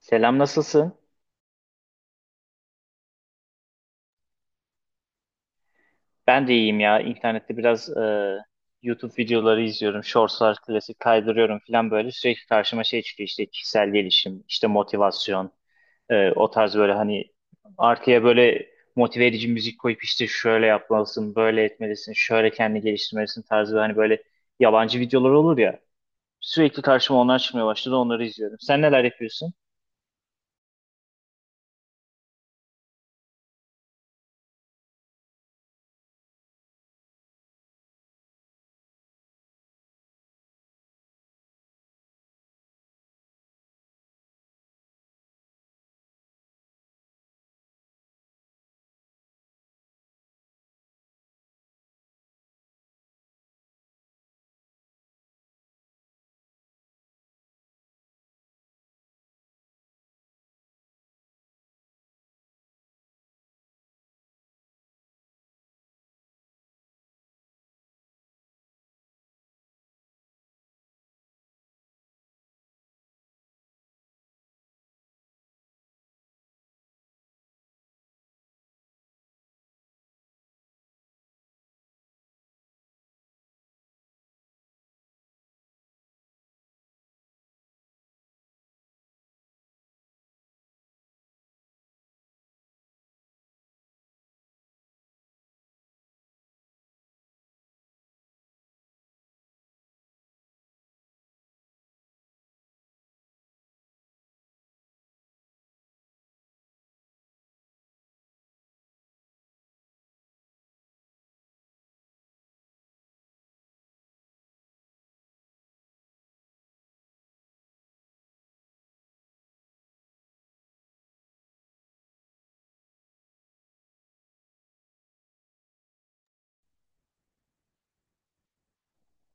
Selam, nasılsın? Ben de iyiyim ya. İnternette biraz YouTube videoları izliyorum. Shortslar, klasik kaydırıyorum falan böyle. Sürekli karşıma şey çıkıyor işte kişisel gelişim, işte motivasyon, o tarz böyle hani arkaya böyle motive edici müzik koyup işte şöyle yapmalısın, böyle etmelisin, şöyle kendini geliştirmelisin tarzı hani böyle yabancı videolar olur ya. Sürekli karşıma onlar çıkmaya başladı, onları izliyorum. Sen neler yapıyorsun?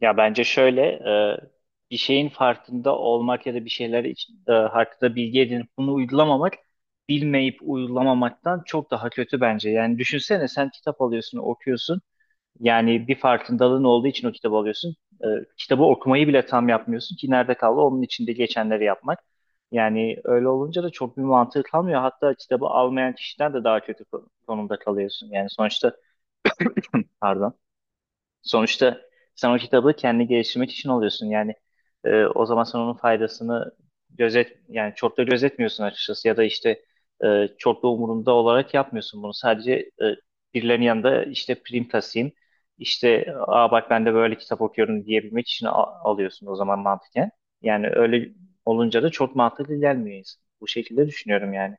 Ya bence şöyle bir şeyin farkında olmak ya da bir şeyler için, hakkında bilgi edinip bunu uygulamamak bilmeyip uygulamamaktan çok daha kötü bence. Yani düşünsene, sen kitap alıyorsun, okuyorsun. Yani bir farkındalığın olduğu için o kitabı alıyorsun. E, Kitabı okumayı bile tam yapmıyorsun ki nerede kaldı onun içinde geçenleri yapmak. Yani öyle olunca da çok bir mantığı kalmıyor. Hatta kitabı almayan kişiden de daha kötü konumda kalıyorsun. Yani sonuçta pardon. Sonuçta sen o kitabı kendi geliştirmek için alıyorsun. Yani o zaman sen onun faydasını gözet yani çok da gözetmiyorsun açıkçası ya da işte çok da umurunda olarak yapmıyorsun bunu. Sadece e, birilerinin yanında işte prim tasayım işte aa bak ben de böyle kitap okuyorum diyebilmek için alıyorsun o zaman mantıken. Yani öyle olunca da çok mantıklı gelmiyor insan. Bu şekilde düşünüyorum yani.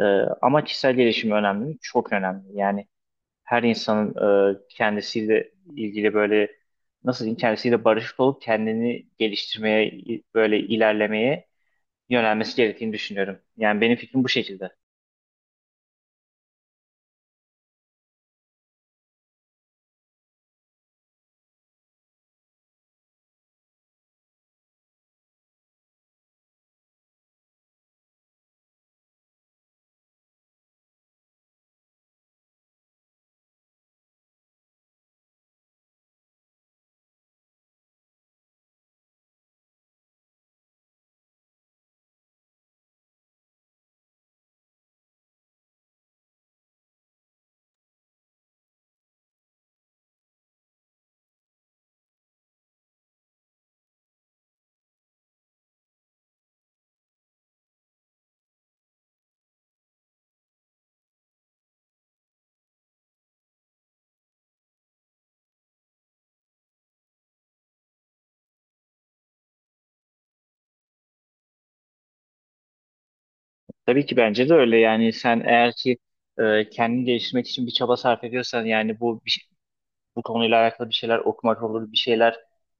E, Ama kişisel gelişim önemli mi? Çok önemli. Yani her insanın kendisiyle ilgili böyle nasıl diyeyim kendisiyle barışık olup kendini geliştirmeye böyle ilerlemeye yönelmesi gerektiğini düşünüyorum. Yani benim fikrim bu şekilde. Tabii ki bence de öyle, yani sen eğer ki kendini geliştirmek için bir çaba sarf ediyorsan, yani bu bu konuyla alakalı bir şeyler okumak olur, bir şeyler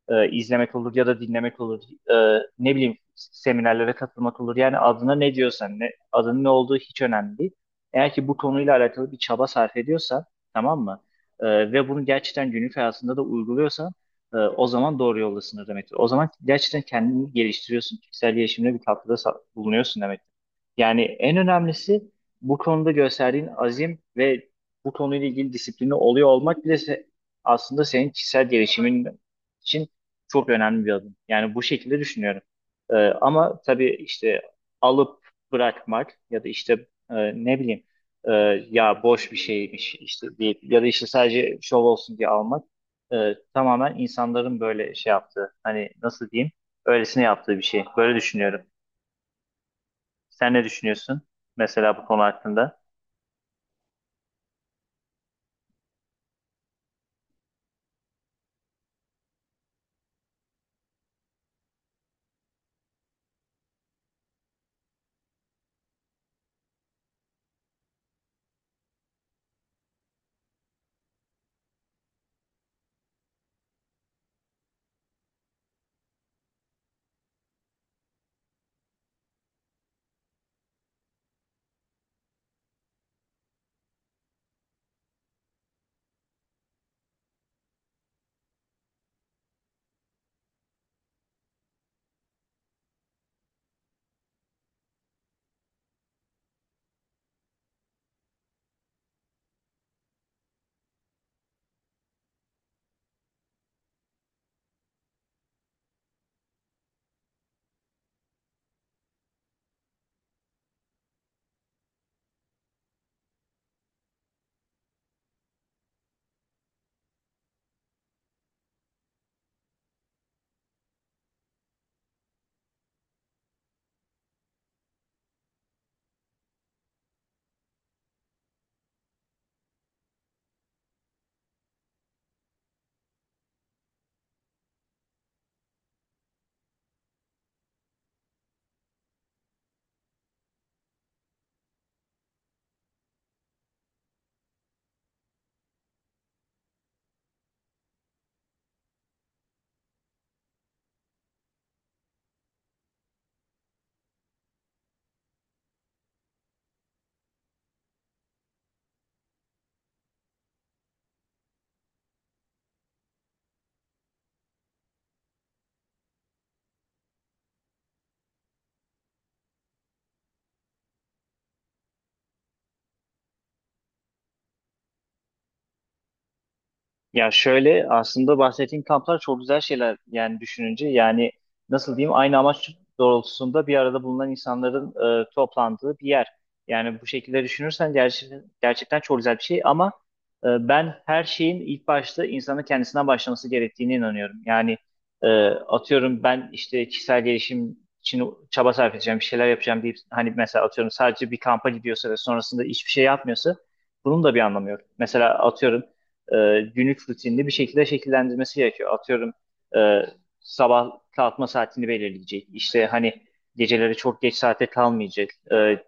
izlemek olur ya da dinlemek olur. E, Ne bileyim seminerlere katılmak olur. Yani adına ne diyorsan, adının ne olduğu hiç önemli değil. Eğer ki bu konuyla alakalı bir çaba sarf ediyorsan, tamam mı? Ve bunu gerçekten günlük hayatında da uyguluyorsan o zaman doğru yoldasın demektir. O zaman gerçekten kendini geliştiriyorsun. Kişisel gelişimine bir katkıda bulunuyorsun demektir. Yani en önemlisi bu konuda gösterdiğin azim ve bu konuyla ilgili disiplini oluyor olmak bile aslında senin kişisel gelişimin için çok önemli bir adım. Yani bu şekilde düşünüyorum. Ama tabii işte alıp bırakmak ya da işte e, ne bileyim e, ya boş bir şeymiş işte deyip ya da işte sadece şov olsun diye almak tamamen insanların böyle şey yaptığı, hani nasıl diyeyim, öylesine yaptığı bir şey. Böyle düşünüyorum. Sen ne düşünüyorsun mesela bu konu hakkında? Ya şöyle, aslında bahsettiğim kamplar çok güzel şeyler yani, düşününce yani nasıl diyeyim aynı amaç doğrultusunda bir arada bulunan insanların toplandığı bir yer. Yani bu şekilde düşünürsen gerçekten çok güzel bir şey ama ben her şeyin ilk başta insanın kendisinden başlaması gerektiğine inanıyorum. Yani atıyorum ben işte kişisel gelişim için çaba sarf edeceğim, bir şeyler yapacağım deyip hani mesela atıyorum sadece bir kampa gidiyorsa ve sonrasında hiçbir şey yapmıyorsa bunun da bir anlamı yok. Mesela atıyorum günlük rutinini bir şekilde şekillendirmesi gerekiyor. Atıyorum e, sabah kalkma saatini belirleyecek. İşte hani geceleri çok geç saate kalmayacak.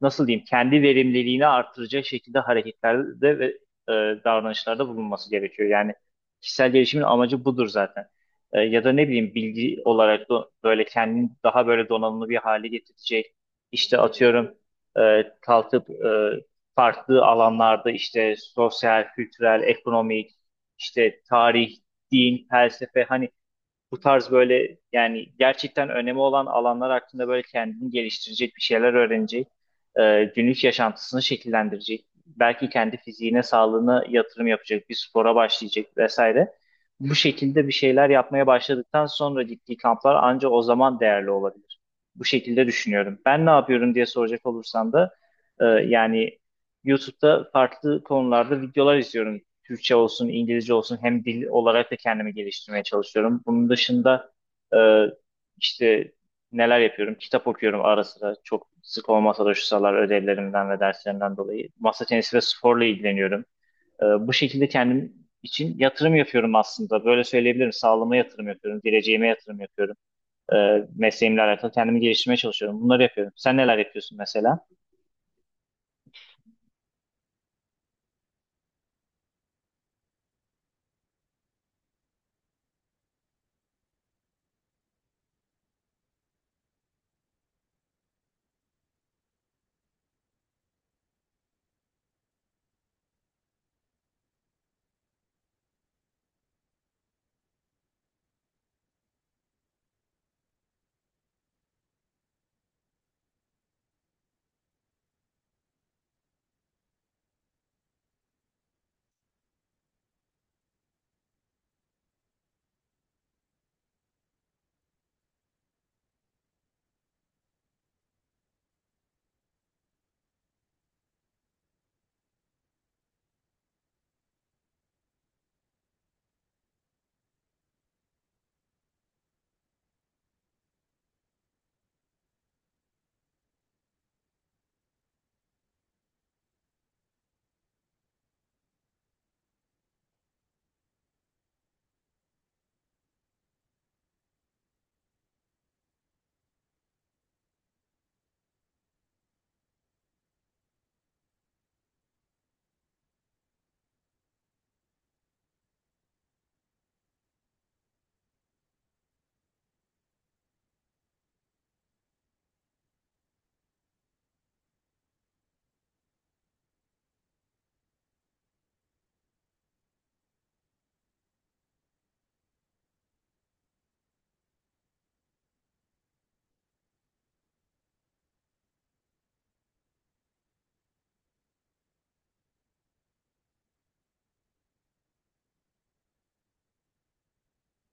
Nasıl diyeyim, kendi verimliliğini artıracak şekilde hareketlerde ve e, davranışlarda bulunması gerekiyor. Yani kişisel gelişimin amacı budur zaten. Ya da ne bileyim, bilgi olarak da böyle kendini daha böyle donanımlı bir hale getirecek. İşte atıyorum e, kalkıp farklı alanlarda işte sosyal, kültürel, ekonomik, işte tarih, din, felsefe, hani bu tarz böyle yani gerçekten önemi olan alanlar hakkında böyle kendini geliştirecek bir şeyler öğrenecek, günlük yaşantısını şekillendirecek, belki kendi fiziğine, sağlığına yatırım yapacak, bir spora başlayacak vesaire. Bu şekilde bir şeyler yapmaya başladıktan sonra gittiği kamplar ancak o zaman değerli olabilir. Bu şekilde düşünüyorum. Ben ne yapıyorum diye soracak olursan da yani YouTube'da farklı konularda videolar izliyorum. Türkçe olsun, İngilizce olsun, hem dil olarak da kendimi geliştirmeye çalışıyorum. Bunun dışında e, işte neler yapıyorum? Kitap okuyorum ara sıra. Çok sık olmasa da, şu sıralar ödevlerimden ve derslerimden dolayı. Masa tenisi ve sporla ilgileniyorum. Bu şekilde kendim için yatırım yapıyorum aslında. Böyle söyleyebilirim. Sağlığıma yatırım yapıyorum. Geleceğime yatırım yapıyorum. E, Mesleğimle alakalı kendimi geliştirmeye çalışıyorum. Bunları yapıyorum. Sen neler yapıyorsun mesela?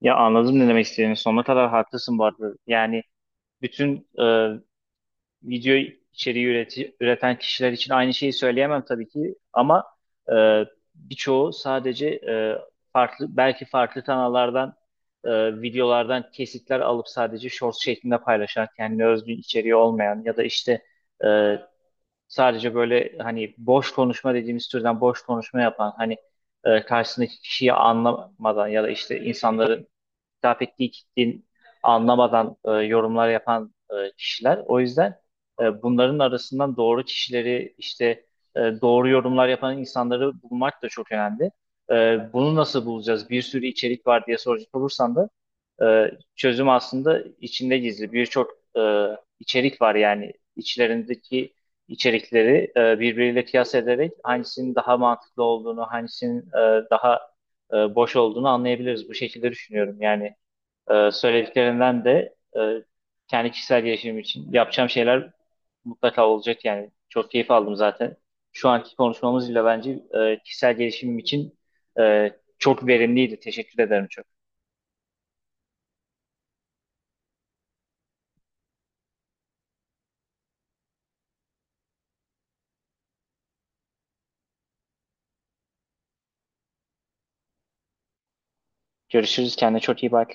Ya anladım ne demek istediğini. Sonuna kadar haklısın bu arada. Yani bütün video içeriği üreten kişiler için aynı şeyi söyleyemem tabii ki. Ama e, birçoğu sadece e, farklı belki farklı kanallardan videolardan kesitler alıp sadece short şeklinde paylaşan, kendine özgü içeriği olmayan ya da işte e, sadece böyle hani boş konuşma dediğimiz türden boş konuşma yapan, hani karşısındaki kişiyi anlamadan ya da işte insanların hitap ettiği kitlenin anlamadan yorumlar yapan kişiler. O yüzden bunların arasından doğru kişileri, işte doğru yorumlar yapan insanları bulmak da çok önemli. Bunu nasıl bulacağız? Bir sürü içerik var diye soracak olursan da e, çözüm aslında içinde gizli. Birçok e, içerik var, yani içlerindeki içerikleri birbiriyle kıyas ederek hangisinin daha mantıklı olduğunu, hangisinin boş olduğunu anlayabiliriz. Bu şekilde düşünüyorum. Yani söylediklerinden de kendi kişisel gelişimim için yapacağım şeyler mutlaka olacak yani. Çok keyif aldım zaten. Şu anki konuşmamız bile bence kişisel gelişimim için e, çok verimliydi. Teşekkür ederim çok. Görüşürüz. Kendine çok iyi bak.